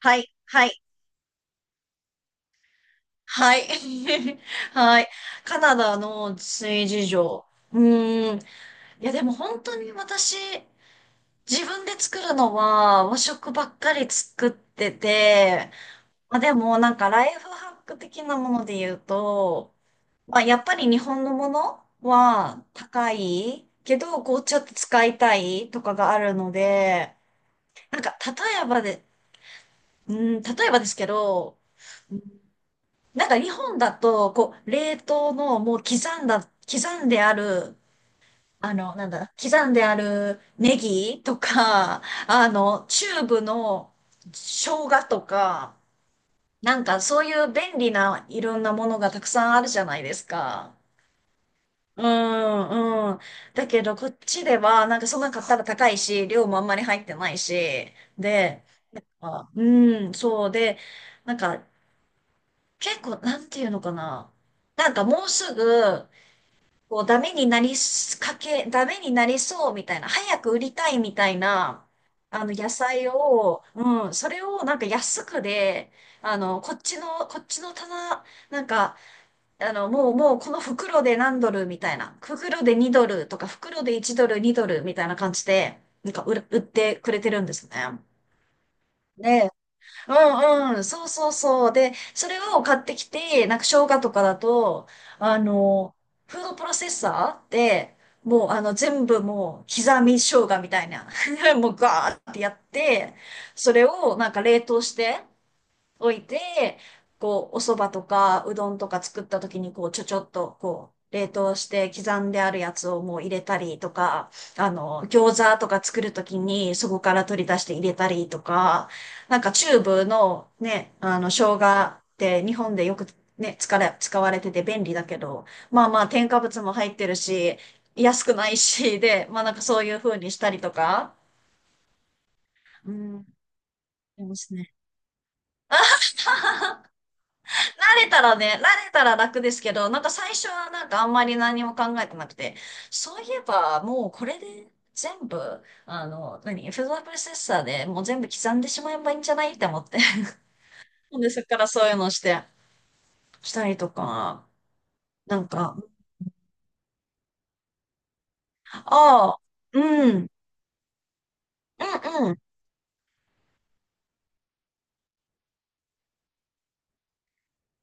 はい、はい、はい。はい。カナダの水事情。うーん。いや、でも本当に私、自分で作るのは和食ばっかり作ってて、まあ、でもなんかライフハック的なもので言うと、まあ、やっぱり日本のものは高いけど、こうちょっと使いたいとかがあるので、なんか例えばですけど、なんか日本だと、こう、冷凍のもう刻んである、あの、なんだ、刻んであるネギとか、チューブの生姜とか、なんかそういう便利ないろんなものがたくさんあるじゃないですか。うんうん。だけどこっちでは、なんかそんなの買ったら高いし、量もあんまり入ってないし、で、うん、そうで、なんか結構、なんていうのかな。なんかもうすぐ、こう、ダメになりそうみたいな、早く売りたいみたいな、野菜を、うん、それをなんか安くで、こっちの棚、なんか、もうこの袋で何ドルみたいな、袋で2ドルとか、袋で1ドル、2ドルみたいな感じで、なんか売ってくれてるんですね。で、うんうん、そうそうそう。で、それを買ってきて、なんか生姜とかだと、あの、フードプロセッサーって、もう全部刻み生姜みたいな、もうガーってやって、それをなんか冷凍して、置いて、こう、お蕎麦とか、うどんとか作った時に、こう、ちょっと、こう、冷凍して刻んであるやつをもう入れたりとか、餃子とか作る時に、そこから取り出して入れたりとか、なんかチューブのね、生姜って日本でよくね、使われてて便利だけど、まあまあ、添加物も入ってるし、安くないし、で、まあなんかそういう風にしたりとか、うん、ありますね。慣れたらね、慣れたら楽ですけど、なんか最初はなんかあんまり何も考えてなくて、そういえばもうこれで全部、フードプロセッサーでもう全部刻んでしまえばいいんじゃないって思って。で、そっからそういうのをしたりとか、なんか、ああ、うん、うん、うん、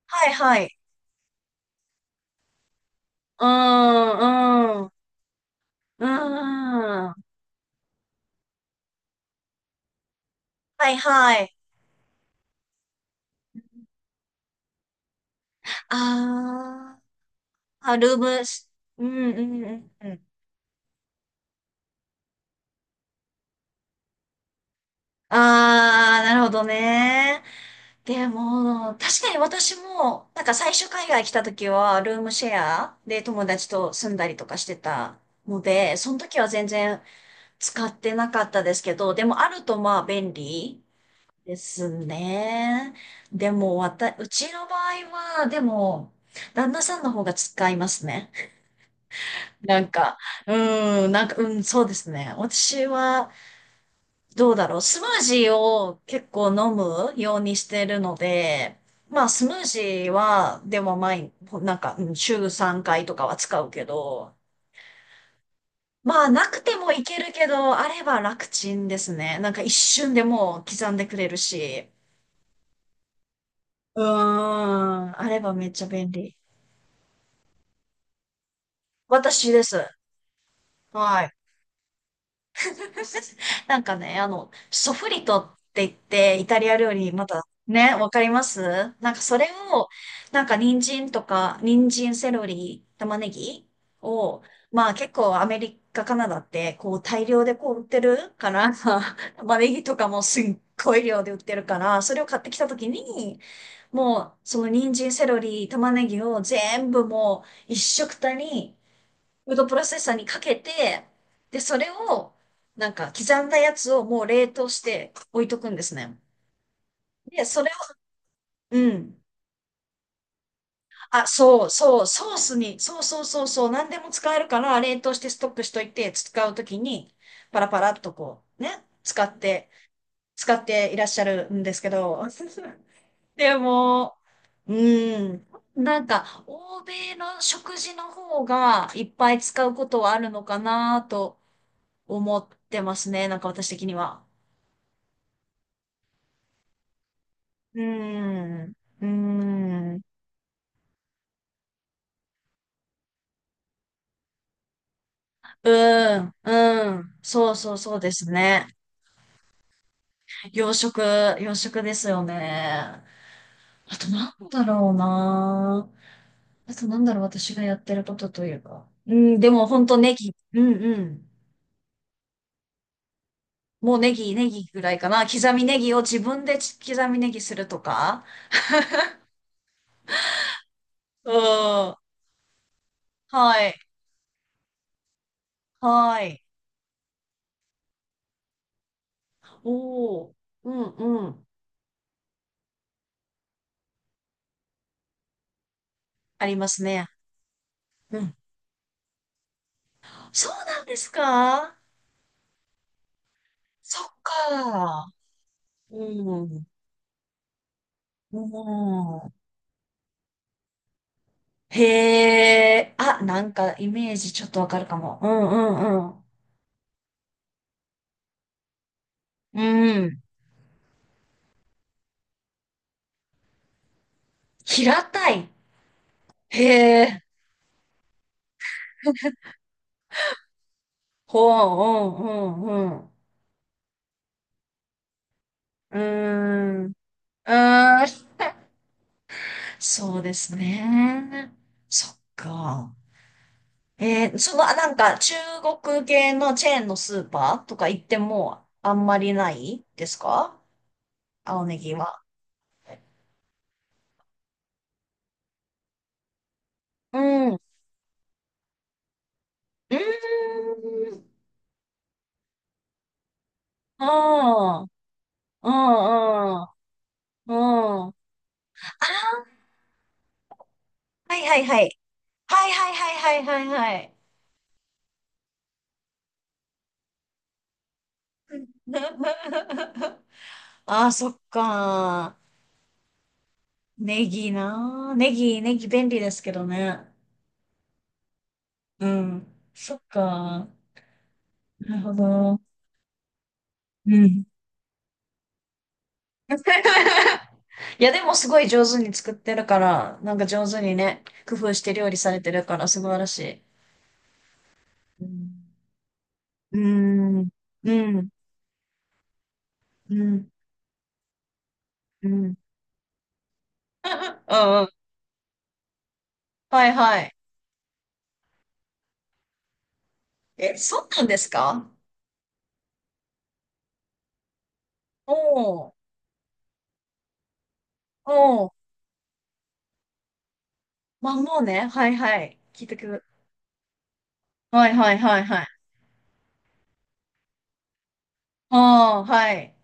はいはい、うーん、うん、うーん、はいはい、あーあ、ルーム、うん、うん、うん、うん。ああ、なるほどね。でも、確かに私も、なんか最初海外来た時は、ルームシェアで友達と住んだりとかしてたので、その時は全然使ってなかったですけど、でもあるとまあ便利ですね。でも、うちの場合は、でも、旦那さんの方が使いますね。なんか、うなんか、うん、そうですね。私は、どうだろう。スムージーを結構飲むようにしてるので、まあスムージーは、でも毎、なんか、うん週3回とかは使うけど、まあなくてもいけるけど、あれば楽ちんですね。なんか一瞬でもう刻んでくれるし。うーん、あればめっちゃ便利。私です。はい。なんかね、ソフリトって言って、イタリア料理、また、ね、わかります？なんかそれを、なんか人参、セロリ、玉ねぎを、まあ結構アメリカ、カナダって、こう大量でこう売ってるから、玉ねぎとかもすっごい量で売ってるから、それを買ってきたときに、もう、その人参、セロリ、玉ねぎを全部もう一食たにフードプロセッサーにかけて、で、それを、なんか、刻んだやつをもう冷凍して置いとくんですね。で、それを、うん。あ、そうそう、ソースに、そうそうそうそう、何でも使えるから、冷凍してストックしといて、使うときに、パラパラっとこう、ね、使っていらっしゃるんですけど、でも、うん、なんか、欧米の食事の方がいっぱい使うことはあるのかなと思ってますね。なんか私的には。うーん。うーん。うーん。うーん。そうそうそうですね。洋食、洋食ですよね。あとなんだろうな。あとなんだろう、私がやってることというか。うん、でも本当ネギ。うんうん。もうネギぐらいかな。刻みネギを自分で刻みネギするとか。うん。はい。はい。おー。うんうん。ありますね。うん。そうなんですか？そっか。うん。うん。へえ。あ、なんかイメージちょっとわかるかも。うんうんうん。うん。平たい。へえ。ほう、うんうんうん。うーん。うーん。そうですね。そっか。なんか中国系のチェーンのスーパーとか行ってもあんまりないですか？青ネギは。うん。うーん。ああ、ああ、ああ、ああ。はいはいはい。はいはいはいはいはいはい。ああ、そっか。ネギな。ネギ便利ですけどね。うん。そっか。なるほど。うん。いや、でもすごい上手に作ってるから、なんか上手にね、工夫して料理されてるから、素晴らしい。うん。うん。うん。うんうん。うんうん。はいはい。え、そうなんですか？おー、おー。まあもうね、はいはい。聞いてくる。はいはいはいはい。ああ、はい。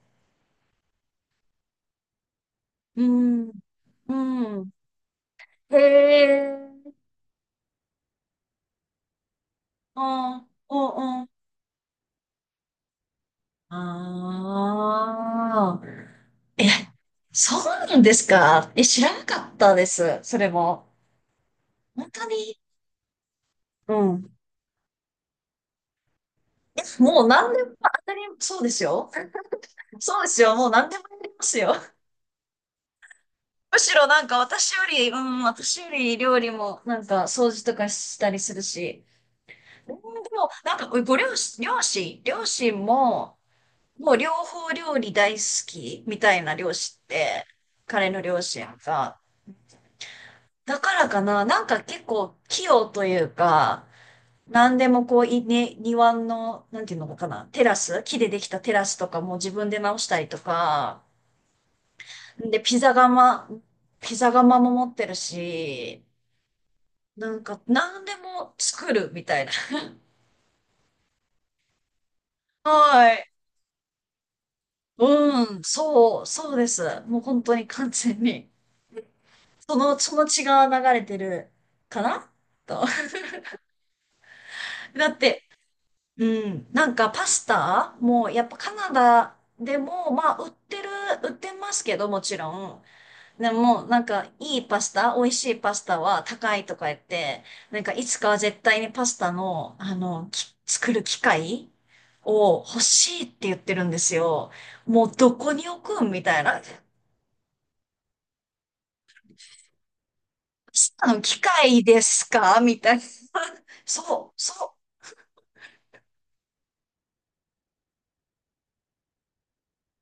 うん、うん。へえ。ああ、おうおうああ。え、そうなんですか？え、知らなかったです。それも。本当に。うん。え、もう何でも当たり、そうですよ。そうですよ。もう何でもやりますよ。むしろなんか私より料理もなんか掃除とかしたりするし。うんでも、なんかご両親も、もう両方料理大好きみたいな両親って、彼の両親が。だからかな、なんか結構器用というか、何でもこう、庭の、なんていうのかな、テラス、木でできたテラスとかも自分で直したりとか、で、ピザ窯も持ってるし、なんか、何でも作るみたいな。うん。そうです。もう本当に完全に。その血が流れてるかなと。だって、うん、なんかパスタもやっぱカナダでも、まあ売ってますけどもちろん。でも、なんか、いいパスタ、美味しいパスタは高いとか言って、なんか、いつかは絶対にパスタの、あの、作る機械を欲しいって言ってるんですよ。もう、どこに置くんみたいな。機械ですかみたいな。そう、そ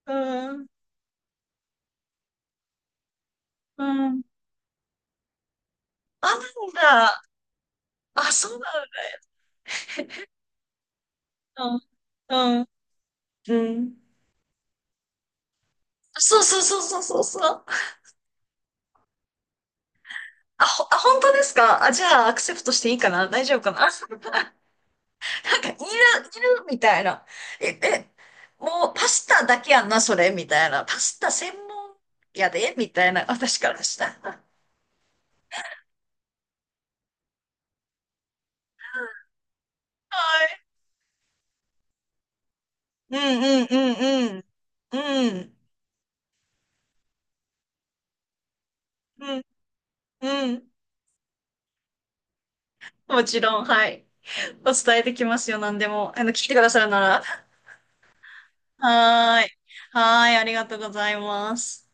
う。うん、うん。あ、なんだ。あ、そうなんだ。うん、うん。うんそうそうそうそうそうそう。本当ですか？あ、じゃあ、アクセプトしていいかな？大丈夫かな？ なんか、いるみたいな。え、え、もうパスタだけやんな、それ、みたいな。パスタ専門やで、みたいな、私からしたら。はい。うんうんうんうん。うん。うんうん。もちろん、はい。お伝えできますよ、何でも。聞いてくださるなら。はーい。はーい、ありがとうございます。